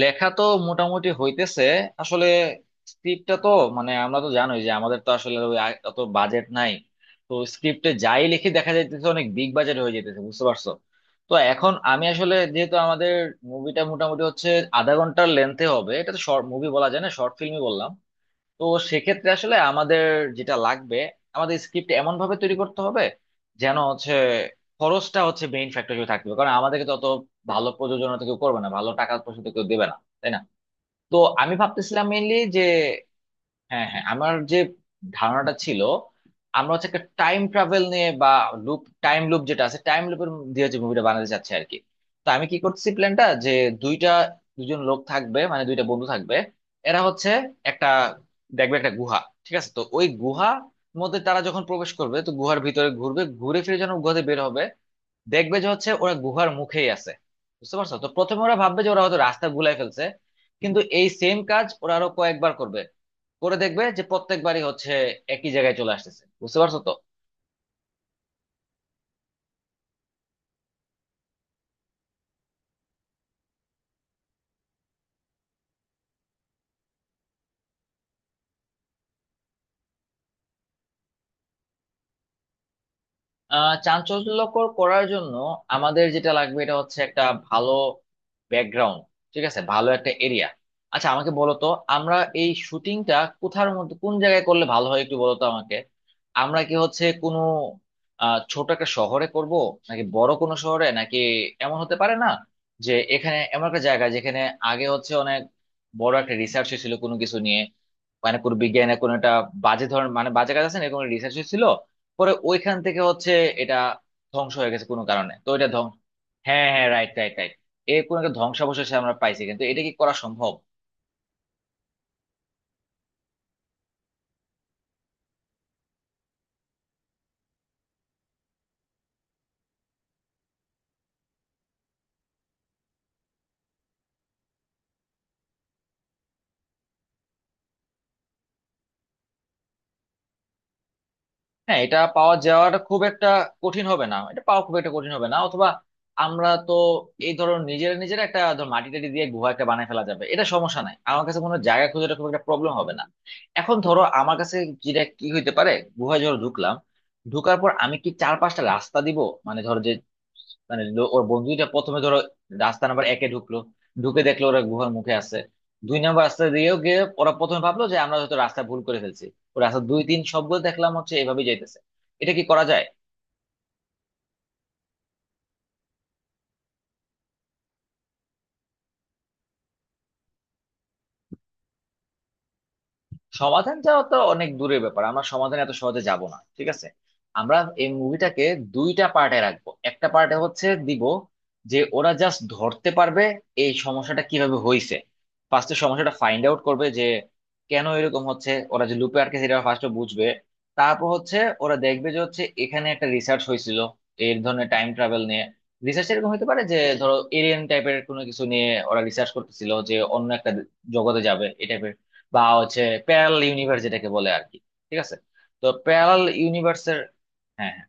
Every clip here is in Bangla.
লেখা তো মোটামুটি হইতেছে। আসলে স্ক্রিপ্টটা তো মানে আমরা তো জানোই যে আমাদের তো আসলে ওই অত বাজেট নাই। তো স্ক্রিপ্টে যাই লিখি দেখা যাইতেছে অনেক বিগ বাজেট হয়ে যেতেছে, বুঝতে পারছো? তো এখন আমি আসলে যেহেতু আমাদের মুভিটা মোটামুটি হচ্ছে আধা ঘন্টার লেন্থে হবে, এটা তো শর্ট মুভি বলা যায় না, শর্ট ফিল্মই বললাম। তো সেক্ষেত্রে আসলে আমাদের যেটা লাগবে, আমাদের স্ক্রিপ্ট এমন ভাবে তৈরি করতে হবে যেন হচ্ছে খরচটা হচ্ছে মেইন ফ্যাক্টর হিসেবে থাকবে, কারণ আমাদেরকে তত ভালো প্রযোজনা তো কেউ করবে না, ভালো টাকা পয়সা তো কেউ দেবে না, তাই না? তো আমি ভাবতেছিলাম মেইনলি যে, হ্যাঁ হ্যাঁ, আমার যে ধারণাটা ছিল আমরা হচ্ছে একটা টাইম ট্রাভেল নিয়ে বা লুপ, টাইম লুপ যেটা আছে টাইম লুপের দিয়ে হচ্ছে মুভিটা বানাতে চাচ্ছে আর কি। তো আমি কি করতেছি প্ল্যানটা যে দুইটা, দুজন লোক থাকবে, মানে দুইটা বন্ধু থাকবে। এরা হচ্ছে একটা, দেখবে একটা গুহা, ঠিক আছে। তো ওই গুহা মধ্যে তারা যখন প্রবেশ করবে তো গুহার ভিতরে ঘুরবে, ঘুরে ফিরে যখন গুহাতে বের হবে দেখবে যে হচ্ছে ওরা গুহার মুখেই আছে। বুঝতে পারছো? তো প্রথমে ওরা ভাববে যে ওরা হয়তো রাস্তা ভুলাই ফেলছে, কিন্তু এই সেম কাজ ওরা আরো কয়েকবার করবে, করে দেখবে যে প্রত্যেকবারই হচ্ছে একই জায়গায় চলে আসতেছে, বুঝতে পারছো তো। চাঞ্চল্যকর করার জন্য আমাদের যেটা লাগবে এটা হচ্ছে একটা ভালো ব্যাকগ্রাউন্ড, ঠিক আছে, ভালো একটা এরিয়া। আচ্ছা আমাকে বলো তো, আমরা এই শুটিংটা কোথার মধ্যে, কোন জায়গায় করলে ভালো হয় একটু বলো তো আমাকে। আমরা কি হচ্ছে কোনো ছোট একটা শহরে করব নাকি বড় কোনো শহরে, নাকি এমন হতে পারে না যে এখানে এমন একটা জায়গা যেখানে আগে হচ্ছে অনেক বড় একটা রিসার্চ হয়েছিল কোনো কিছু নিয়ে, মানে কোনো বিজ্ঞানের কোনো একটা বাজে ধরনের, মানে বাজে কাজ আছে না, এরকম রিসার্চ হয়েছিল। পরে ওইখান থেকে হচ্ছে এটা ধ্বংস হয়ে গেছে কোনো কারণে, তো এটা ধ্বংস। হ্যাঁ হ্যাঁ, রাইট রাইট রাইট। এর কোনো একটা ধ্বংসাবশেষ আমরা পাইছি কিন্তু এটা কি করা সম্ভব? হ্যাঁ, এটা পাওয়া যাওয়াটা খুব একটা কঠিন হবে না, এটা পাওয়া খুব একটা কঠিন হবে না। অথবা আমরা তো এই ধরো নিজেরা নিজেরা একটা, ধর মাটি টাটি দিয়ে গুহা একটা বানায় ফেলা যাবে, এটা সমস্যা নাই আমার কাছে, কোনো জায়গা খোঁজাটা খুব একটা প্রবলেম হবে না। এখন ধরো আমার কাছে যেটা কি হইতে পারে, গুহায় ধরো ঢুকলাম, ঢুকার পর আমি কি চার পাঁচটা রাস্তা দিব, মানে ধরো যে, মানে ওর বন্ধুটা প্রথমে ধরো রাস্তা নাম্বার একে ঢুকলো, ঢুকে দেখলো ওরা গুহার মুখে আছে। দুই নাম্বার রাস্তা দিয়েও গিয়ে ওরা প্রথমে ভাবলো যে আমরা হয়তো রাস্তা ভুল করে ফেলছি। ও রাস্তা দুই তিন সবগুলো দেখলাম হচ্ছে এভাবে যাইতেছে, এটা কি করা যায়? সমাধান যাওয়া তো অনেক দূরের ব্যাপার, আমরা সমাধানে এত সহজে যাব না, ঠিক আছে? আমরা এই মুভিটাকে দুইটা পার্টে রাখবো, একটা পার্টে হচ্ছে দিব যে ওরা জাস্ট ধরতে পারবে এই সমস্যাটা কিভাবে হয়েছে। ফার্স্টে সমস্যাটা ফাইন্ড আউট করবে যে কেন এরকম হচ্ছে, ওরা যে লুপে আটকে সেটা ফার্স্টে বুঝবে। তারপর হচ্ছে ওরা দেখবে যে হচ্ছে এখানে একটা রিসার্চ হয়েছিল এই ধরনের টাইম ট্রাভেল নিয়ে। রিসার্চ এরকম হতে পারে যে ধরো এলিয়েন টাইপের কোনো কিছু নিয়ে ওরা রিসার্চ করতেছিল যে অন্য একটা জগতে যাবে এই type এর, বা হচ্ছে প্যারাল ইউনিভার্স যেটাকে বলে আর কি, ঠিক আছে? তো প্যারাল ইউনিভার্সের, হ্যাঁ হ্যাঁ।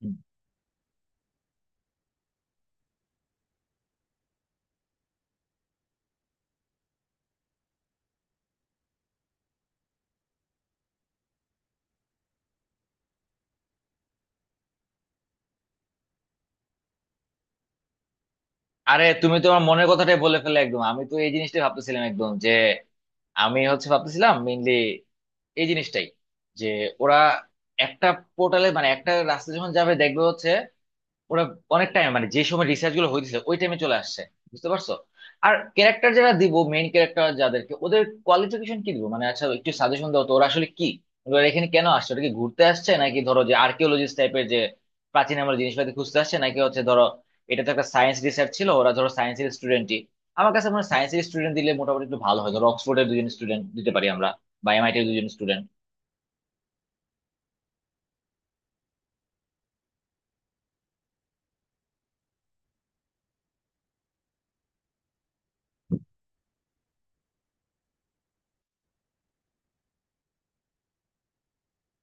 হুম। আরে তুমি তোমার মনের কথাটাই বলে ফেলে একদম, আমি তো এই জিনিসটাই ভাবতেছিলাম একদম। যে আমি হচ্ছে ভাবতেছিলাম মেইনলি এই জিনিসটাই, যে ওরা একটা পোর্টালে, মানে একটা রাস্তা যখন যাবে দেখবে হচ্ছে ওরা অনেক টাইম মানে যে সময় রিসার্চ গুলো হয়েছে ওই টাইমে চলে আসছে, বুঝতে পারছো? আর ক্যারেক্টার যারা দিব, মেইন ক্যারেক্টার যাদেরকে, ওদের কোয়ালিফিকেশন কি দিব, মানে আচ্ছা একটু সাজেশন দাও তো ওরা আসলে কি, ওরা এখানে কেন আসছে, ওটা কি ঘুরতে আসছে, নাকি ধরো যে আর্কিওলজিস্ট টাইপের যে প্রাচীন আমার জিনিসপাতি খুঁজতে আসছে, নাকি হচ্ছে ধরো এটা তো একটা সায়েন্স রিসার্চ ছিল ওরা ধরো সায়েন্সের স্টুডেন্টই। আমার কাছে মনে হয় সায়েন্সের স্টুডেন্ট দিলে মোটামুটি একটু ভালো হয়, ধরো অক্সফোর্ডের দুজন স্টুডেন্ট দিতে পারি আমরা, বা এমআইটির দুজন স্টুডেন্ট।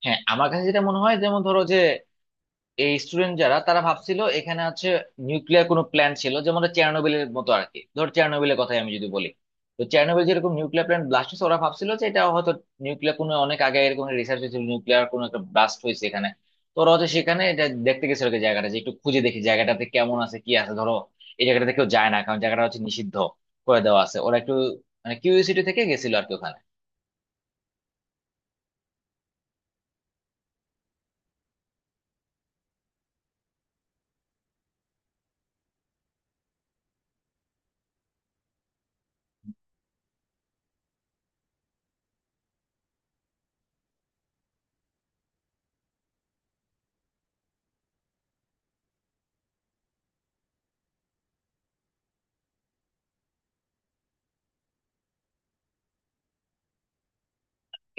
হ্যাঁ, আমার কাছে যেটা মনে হয় যেমন ধরো যে এই স্টুডেন্ট যারা তারা ভাবছিল এখানে হচ্ছে নিউক্লিয়ার কোনো প্ল্যান্ট ছিল যেমন চেরনোবিলের মতো আর কি, ধর চেরনোবিলের কথাই আমি যদি বলি, তো চেরনোবিল যেরকম নিউক্লিয়ার প্ল্যান্ট ব্লাস্ট হয়েছে ওরা ভাবছিল যে এটা হয়তো নিউক্লিয়ার কোনো, অনেক আগে এরকম রিসার্চ হয়েছিল, নিউক্লিয়ার কোনো একটা ব্লাস্ট হয়েছে এখানে। তো ওরা হচ্ছে সেখানে এটা দেখতে গেছিল আর কি, জায়গাটা যে একটু খুঁজে দেখি জায়গাটাতে কেমন আছে কি আছে ধরো। এই জায়গাটাতে কেউ যায় না কারণ জায়গাটা হচ্ছে নিষিদ্ধ করে দেওয়া আছে, ওরা একটু মানে কিউরিওসিটি থেকে গেছিল আর কি ওখানে।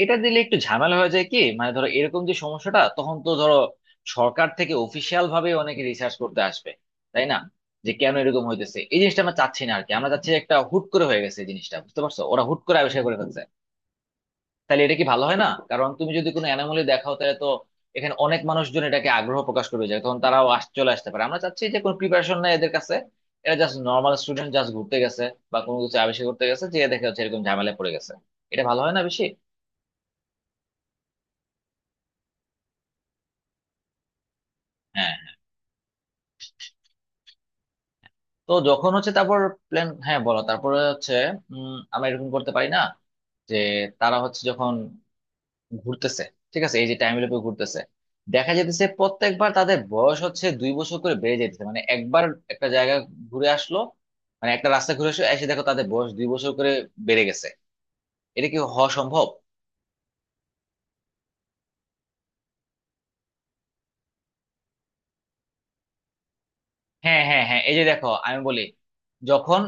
এটা দিলে একটু ঝামেলা হয়ে যায় কি, মানে ধরো এরকম যে সমস্যাটা তখন তো ধরো সরকার থেকে অফিসিয়াল ভাবে অনেকে রিসার্চ করতে আসবে, তাই না, যে কেন এরকম হইতেছে। এই জিনিসটা আমরা চাচ্ছি না আর কি, আমরা চাচ্ছি একটা হুট করে হয়ে গেছে এই জিনিসটা, বুঝতে পারছো, ওরা হুট করে আবিষ্কার করে ফেলছে। তাহলে এটা কি ভালো হয় না, কারণ তুমি যদি কোনো অ্যানোমালি দেখাও তাহলে তো এখানে অনেক মানুষজন এটাকে আগ্রহ প্রকাশ করবে যায়, তখন তারাও চলে আসতে পারে। আমরা চাচ্ছি যে কোনো প্রিপারেশন নাই এদের কাছে, এরা জাস্ট নর্মাল স্টুডেন্ট, জাস্ট ঘুরতে গেছে বা কোনো কিছু আবিষ্কার করতে গেছে যে দেখে হচ্ছে এরকম ঝামেলায় পড়ে গেছে। এটা ভালো হয় না বেশি? হ্যাঁ। তো যখন হচ্ছে তারপর প্ল্যান, হ্যাঁ বলো, তারপরে হচ্ছে আমরা এরকম করতে পারি না যে তারা হচ্ছে যখন ঘুরতেছে, ঠিক আছে, এই যে টাইম লুপে ঘুরতেছে, দেখা যেতেছে প্রত্যেকবার তাদের বয়স হচ্ছে 2 বছর করে বেড়ে যেতেছে, মানে একবার একটা জায়গা ঘুরে আসলো, মানে একটা রাস্তা ঘুরে আসলো, এসে দেখো তাদের বয়স 2 বছর করে বেড়ে গেছে। এটা কি হওয়া সম্ভব? হ্যাঁ হ্যাঁ হ্যাঁ, এই যে দেখো আমি বলি, যখন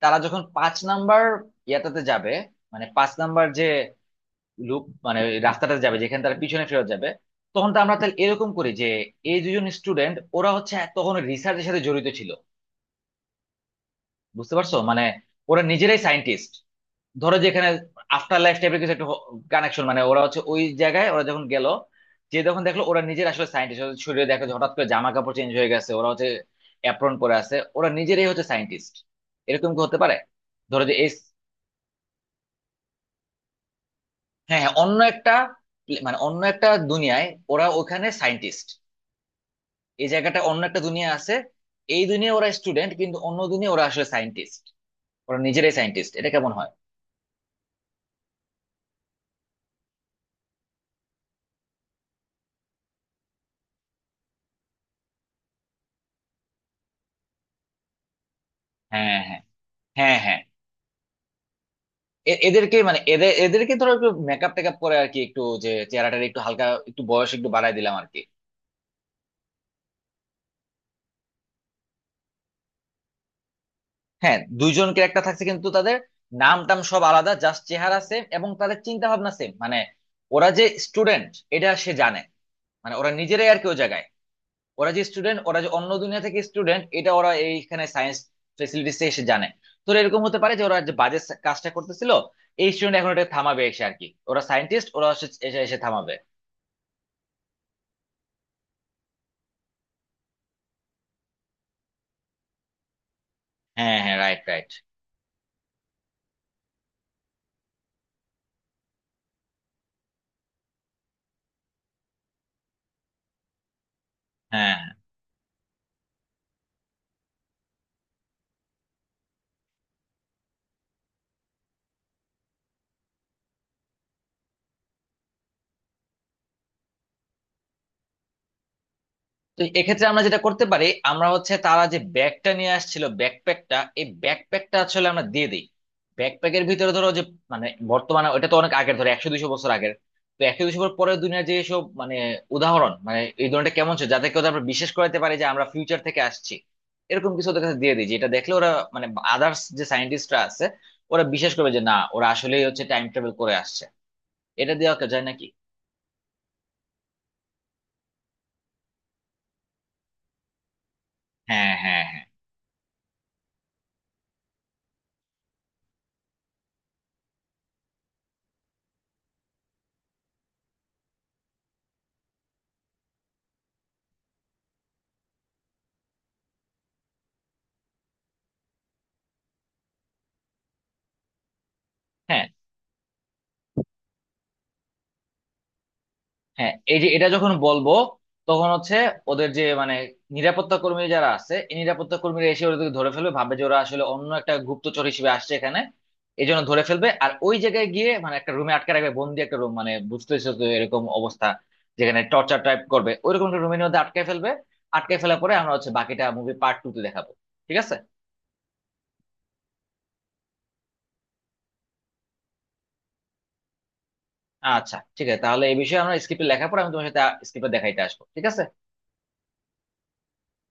তারা যখন পাঁচ নাম্বার ইয়াটাতে যাবে, মানে পাঁচ নাম্বার যে লুপ, মানে ওই রাস্তাটা যাবে যেখানে তারা পিছনে ফেরত যাবে, তখন তো আমরা তাহলে এরকম করি যে এই দুজন স্টুডেন্ট ওরা হচ্ছে তখন রিসার্চের সাথে জড়িত ছিল, বুঝতে পারছো মানে ওরা নিজেরাই সায়েন্টিস্ট। ধরো যেখানে আফটার লাইফ টাইপের কিছু একটা কানেকশন, মানে ওরা হচ্ছে ওই জায়গায় ওরা যখন গেল, যে যখন দেখলো ওরা নিজের আসলে সায়েন্টিস্ট শরীরে, দেখো যে হঠাৎ করে জামা কাপড় চেঞ্জ হয়ে গেছে, ওরা হচ্ছে অ্যাপ্রন পরে আছে, ওরা নিজেরাই হচ্ছে সায়েন্টিস্ট। এরকম কি হতে পারে ধরো যে এই, হ্যাঁ হ্যাঁ, অন্য একটা মানে অন্য একটা দুনিয়ায় ওরা ওখানে সায়েন্টিস্ট, এই জায়গাটা অন্য একটা দুনিয়া আছে। এই দুনিয়া ওরা স্টুডেন্ট কিন্তু অন্য দুনিয়া ওরা আসলে সায়েন্টিস্ট। ওরা নিজেরাই সায়েন্টিস্ট, এটা কেমন হয়? হ্যাঁ হ্যাঁ। হ্যাঁ হ্যাঁ, এদেরকে মানে এদেরকে ধরো একটু মেকআপ টেকআপ করে আর কি, একটু যে চেহারাটা একটু হালকা একটু বয়স একটু বাড়ায় দিলাম আর কি। হ্যাঁ দুইজন ক্যারেক্টার থাকছে কিন্তু তাদের নাম টাম সব আলাদা, জাস্ট চেহারা সেম এবং তাদের চিন্তা ভাবনা সেম, মানে ওরা যে স্টুডেন্ট এটা সে জানে, মানে ওরা নিজেরাই আর কি ওই জায়গায়। ওরা যে স্টুডেন্ট, ওরা যে অন্য দুনিয়া থেকে স্টুডেন্ট এটা ওরা এইখানে সায়েন্স ফেসিলিটিস এসে জানে। তো এরকম হতে পারে যে ওরা যে বাজে কাজটা করতেছিল এই স্টুডেন্ট এখন এটা থামাবে এসে আর কি, ওরা সায়েন্টিস্ট, ওরা এসে এসে থামাবে। হ্যাঁ হ্যাঁ, রাইট রাইট। হ্যাঁ, তো এক্ষেত্রে আমরা যেটা করতে পারি, আমরা হচ্ছে তারা যে ব্যাগটা নিয়ে আসছিল ব্যাকপ্যাকটা, এই ব্যাকপ্যাকটা আসলে আমরা দিয়ে দিই। ব্যাকপ্যাকের ভিতরে ধরো যে, মানে বর্তমানে ওটা তো অনেক আগের, ধরো 100-200 বছর আগের, তো 100-200 বছর পরের দুনিয়ার যে সব মানে উদাহরণ, মানে এই ধরনটা কেমন ছিল যাতে কেউ আমরা বিশ্বাস করাতে পারি যে আমরা ফিউচার থেকে আসছি। এরকম কিছু ওদের কাছে দিয়ে দিই যেটা দেখলে ওরা, মানে আদার্স যে সায়েন্টিস্টরা আছে ওরা বিশ্বাস করবে যে না ওরা আসলেই হচ্ছে টাইম ট্রাভেল করে আসছে। এটা দেওয়া যায় নাকি? হ্যাঁ হ্যাঁ হ্যাঁ। হ্যাঁ হ্যাঁ, এই যে এটা যখন বলবো তখন হচ্ছে ওদের যে মানে নিরাপত্তা কর্মী যারা আছে, এই নিরাপত্তা কর্মীরা এসে ওদেরকে ধরে ফেলবে, ভাববে যে ওরা আসলে অন্য একটা গুপ্তচর হিসেবে আসছে এখানে, এই জন্য ধরে ফেলবে। আর ওই জায়গায় গিয়ে মানে একটা রুমে আটকে রাখবে, বন্দি একটা রুম, মানে বুঝতেছো তো এরকম অবস্থা যেখানে টর্চার টাইপ করবে, ওইরকম একটা রুমের মধ্যে আটকে ফেলবে। আটকে ফেলার পরে আমরা হচ্ছে বাকিটা মুভি পার্ট টু তে দেখাবো, ঠিক আছে? আচ্ছা ঠিক আছে, তাহলে এই বিষয়ে আমরা স্ক্রিপ্টে লেখার পর আমি তোমার সাথে স্ক্রিপ্টে দেখাইতে আসবো, ঠিক আছে।